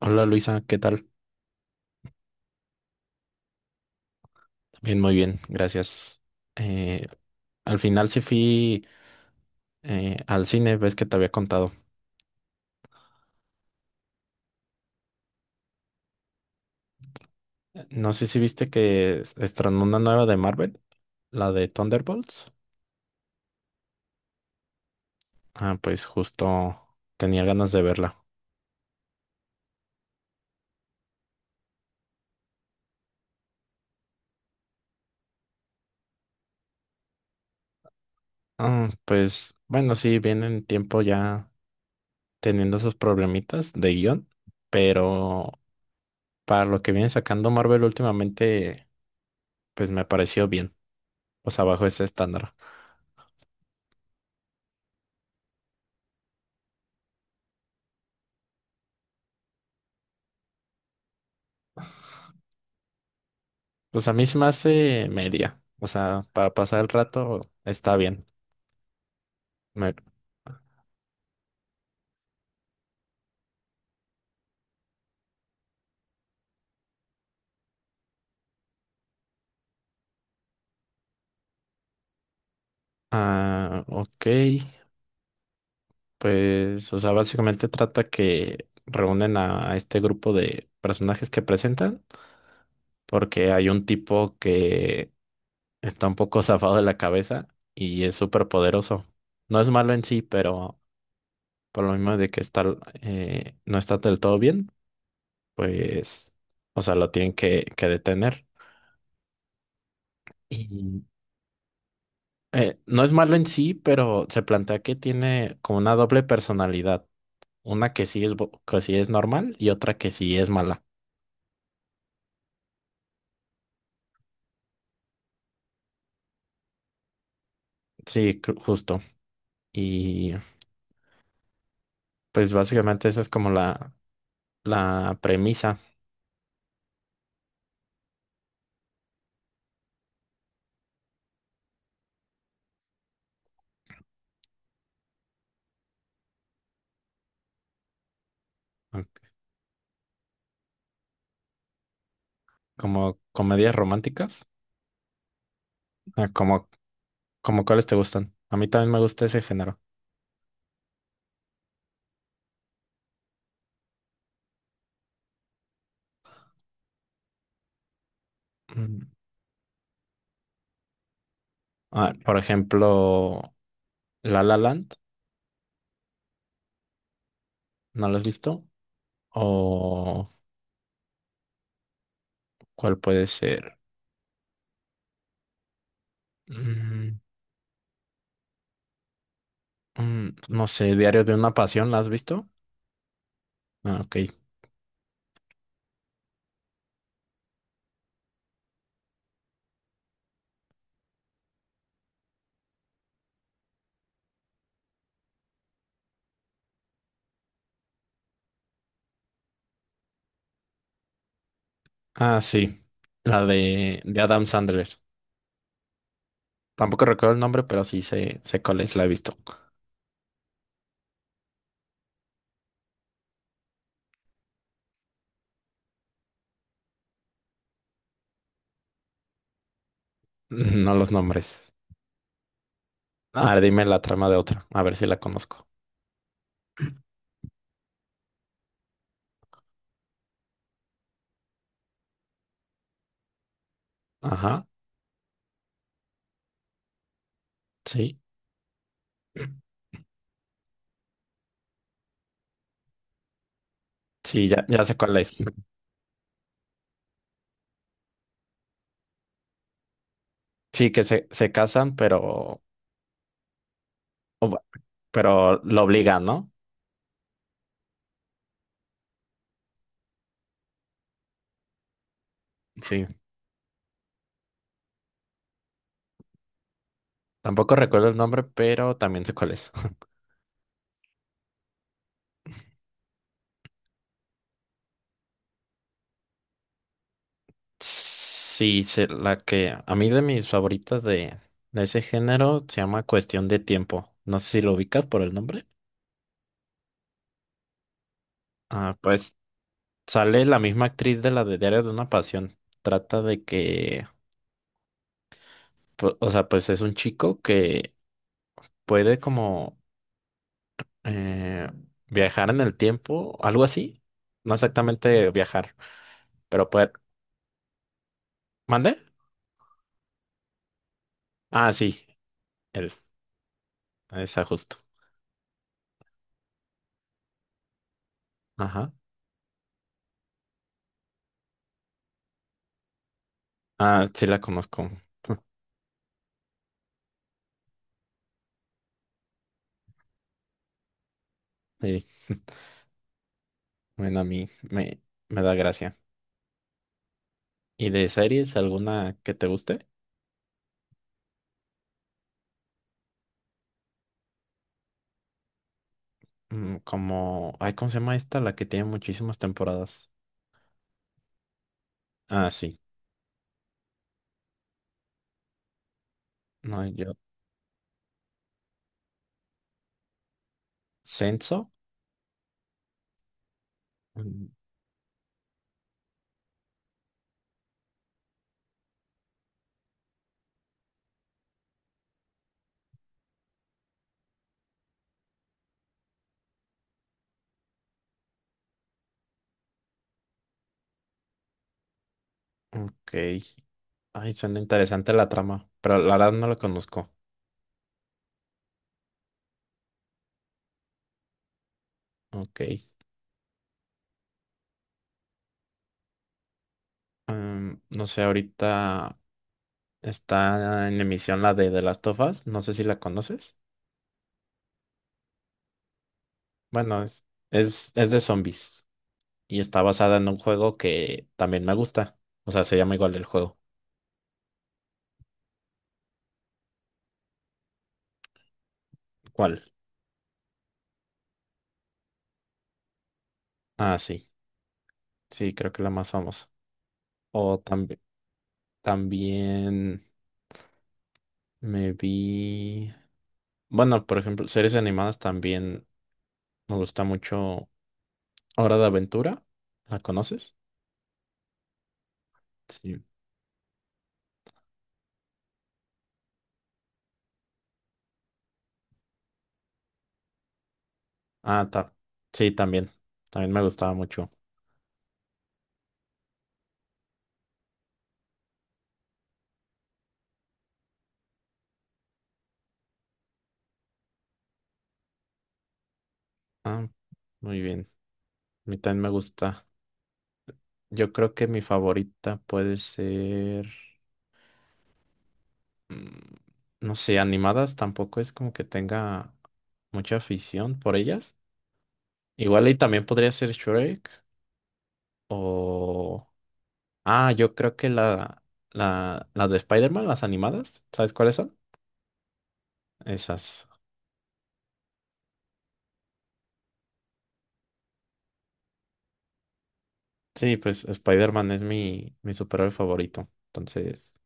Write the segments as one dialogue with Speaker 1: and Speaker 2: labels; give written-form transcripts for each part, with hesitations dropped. Speaker 1: Hola Luisa, ¿qué tal? Bien, muy bien, gracias. Eh, Al final sí fui al cine, ves que te había contado. No sé si viste que estrenó una nueva de Marvel, la de Thunderbolts. Ah, pues justo tenía ganas de verla. Ah, pues bueno, sí, vienen tiempo ya teniendo esos problemitas de guión, pero para lo que viene sacando Marvel últimamente, pues me pareció bien, pues abajo ese estándar. Pues a mí se me hace media. O sea, para pasar el rato está bien. Me- Ah, ok. Pues, o sea, básicamente trata que reúnen a este grupo de personajes que presentan, porque hay un tipo que está un poco zafado de la cabeza y es súper poderoso. No es malo en sí, pero por lo mismo de que está, no está del todo bien, pues, o sea, lo tienen que detener. No es malo en sí, pero se plantea que tiene como una doble personalidad. Una que sí es, que sí es normal y otra que sí es mala. Sí, justo. Y pues básicamente esa es como la premisa. ah, Como comedias románticas. ah, Como, ¿Como cuáles te gustan? A mí también me gusta ese género. Mm. Ah, por ejemplo, La La Land. ¿No lo has visto? ¿O cuál puede ser? Mm. Mm, no sé, Diario de una Pasión, ¿la has visto? Ah, ok. Ah, sí. La de Adam Sandler. Tampoco recuerdo el nombre, pero sí sé, sé cuál es, la he visto. No los nombres. A ver, dime la trama de otra, a ver si la conozco. Ajá, sí. Sí, ya, ya sé cuál es. Sí, que se casan, pero, o pero lo obligan, ¿no? Sí. Tampoco recuerdo el nombre, pero también sé cuál es. Sí, la que a mí de mis favoritas de ese género se llama Cuestión de Tiempo. No sé si lo ubicas por el nombre. Ah, pues sale la misma actriz de la de Diario de una Pasión. Trata de que, o sea, pues es un chico que puede como eh, viajar en el tiempo, algo así. No exactamente viajar, pero puede... ¿Mande? Ah, sí, él, esa justo. Ajá. Ah, sí la conozco. Sí. Bueno, a mí me, me da gracia. ¿Y de series alguna que te guste? Mm, como, ay, ¿cómo se llama esta? La que tiene muchísimas temporadas. Ah, sí. No, yo. ¿Senso? Mm. Ok. Ay, suena interesante la trama, pero la verdad no la conozco. Ok. Mm, no sé, ahorita está en emisión la de The Last of Us. No sé si la conoces. Bueno, es de zombies y está basada en un juego que también me gusta. O sea, se llama igual el juego. ¿Cuál? Ah, sí, sí, creo que la más famosa. O también, también me vi. Bueno, por ejemplo, series animadas también me gusta mucho. Hora de Aventura, ¿la conoces? Sí. Ah, ta- sí, también. También me gustaba mucho. Ah, muy bien. A mí también me gusta. Yo creo que mi favorita puede ser. Mm, no sé, animadas tampoco es como que tenga mucha afición por ellas. Igual y también podría ser Shrek. O. Ah, yo creo que la, las de Spider-Man, las animadas, ¿sabes cuáles son? Esas. Sí, pues Spider-Man es mi, mi superhéroe favorito. Entonces,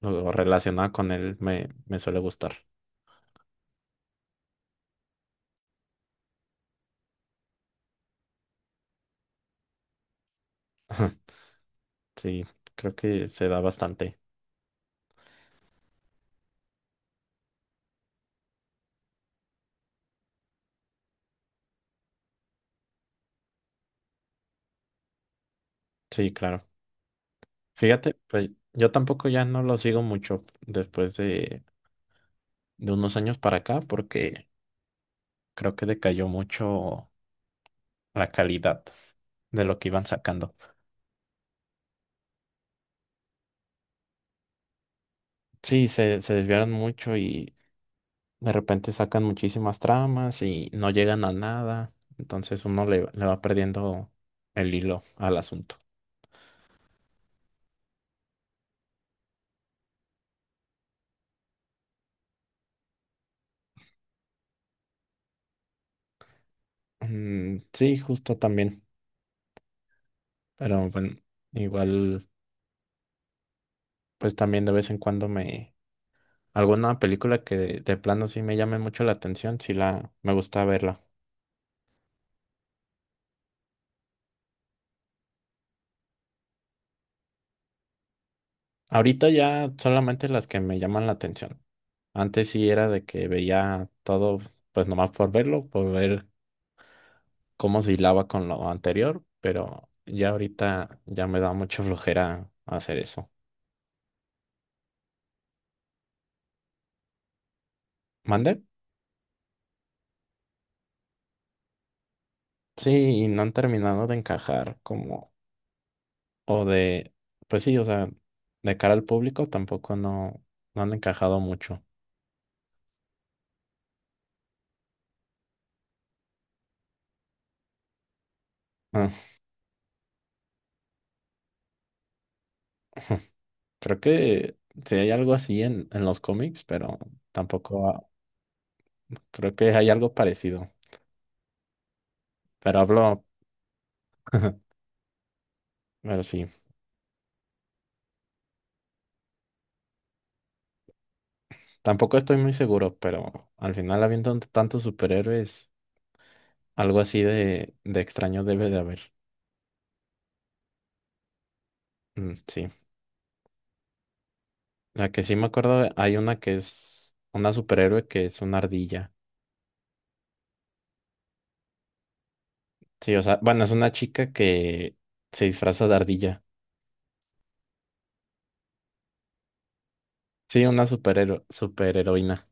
Speaker 1: lo relacionado con él me, me suele gustar. Sí, creo que se da bastante. Sí, claro. Fíjate, pues yo tampoco ya no lo sigo mucho después de unos años para acá, porque creo que decayó mucho la calidad de lo que iban sacando. Sí, se desviaron mucho y de repente sacan muchísimas tramas y no llegan a nada. Entonces uno le, le va perdiendo el hilo al asunto. Mm, sí, justo también. Pero bueno, igual, pues también de vez en cuando me... Alguna película que de plano sí me llame mucho la atención, sí la... me gusta verla. Ahorita ya solamente las que me llaman la atención. Antes sí era de que veía todo, pues nomás por verlo, por ver cómo se hilaba con lo anterior, pero ya ahorita ya me da mucha flojera hacer eso. ¿Mande? Sí, y no han terminado de encajar como, o de, pues sí, o sea, de cara al público tampoco no, no han encajado mucho. Ah, creo que sí hay algo así en los cómics, pero tampoco creo que hay algo parecido. Pero hablo, pero sí, tampoco estoy muy seguro, pero al final habiendo tantos superhéroes. Algo así de extraño debe de haber. Mm, sí. La que sí me acuerdo, hay una que es una superhéroe que es una ardilla. Sí, o sea, bueno, es una chica que se disfraza de ardilla. Sí, una superheroína.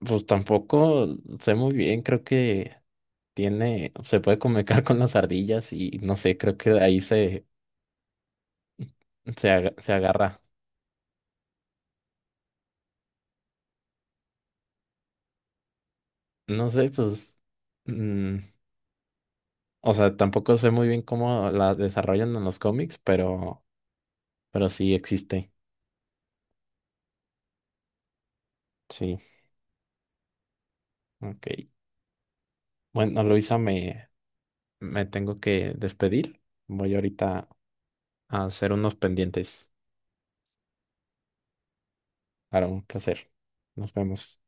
Speaker 1: Pues tampoco sé muy bien, creo que tiene, se puede comunicar con las ardillas y no sé, creo que de ahí se, se, se agarra. No sé, pues, mm, o sea, tampoco sé muy bien cómo la desarrollan en los cómics, pero sí existe. Sí, ok. Bueno, Luisa, me tengo que despedir. Voy ahorita a hacer unos pendientes. Para un placer. Nos vemos.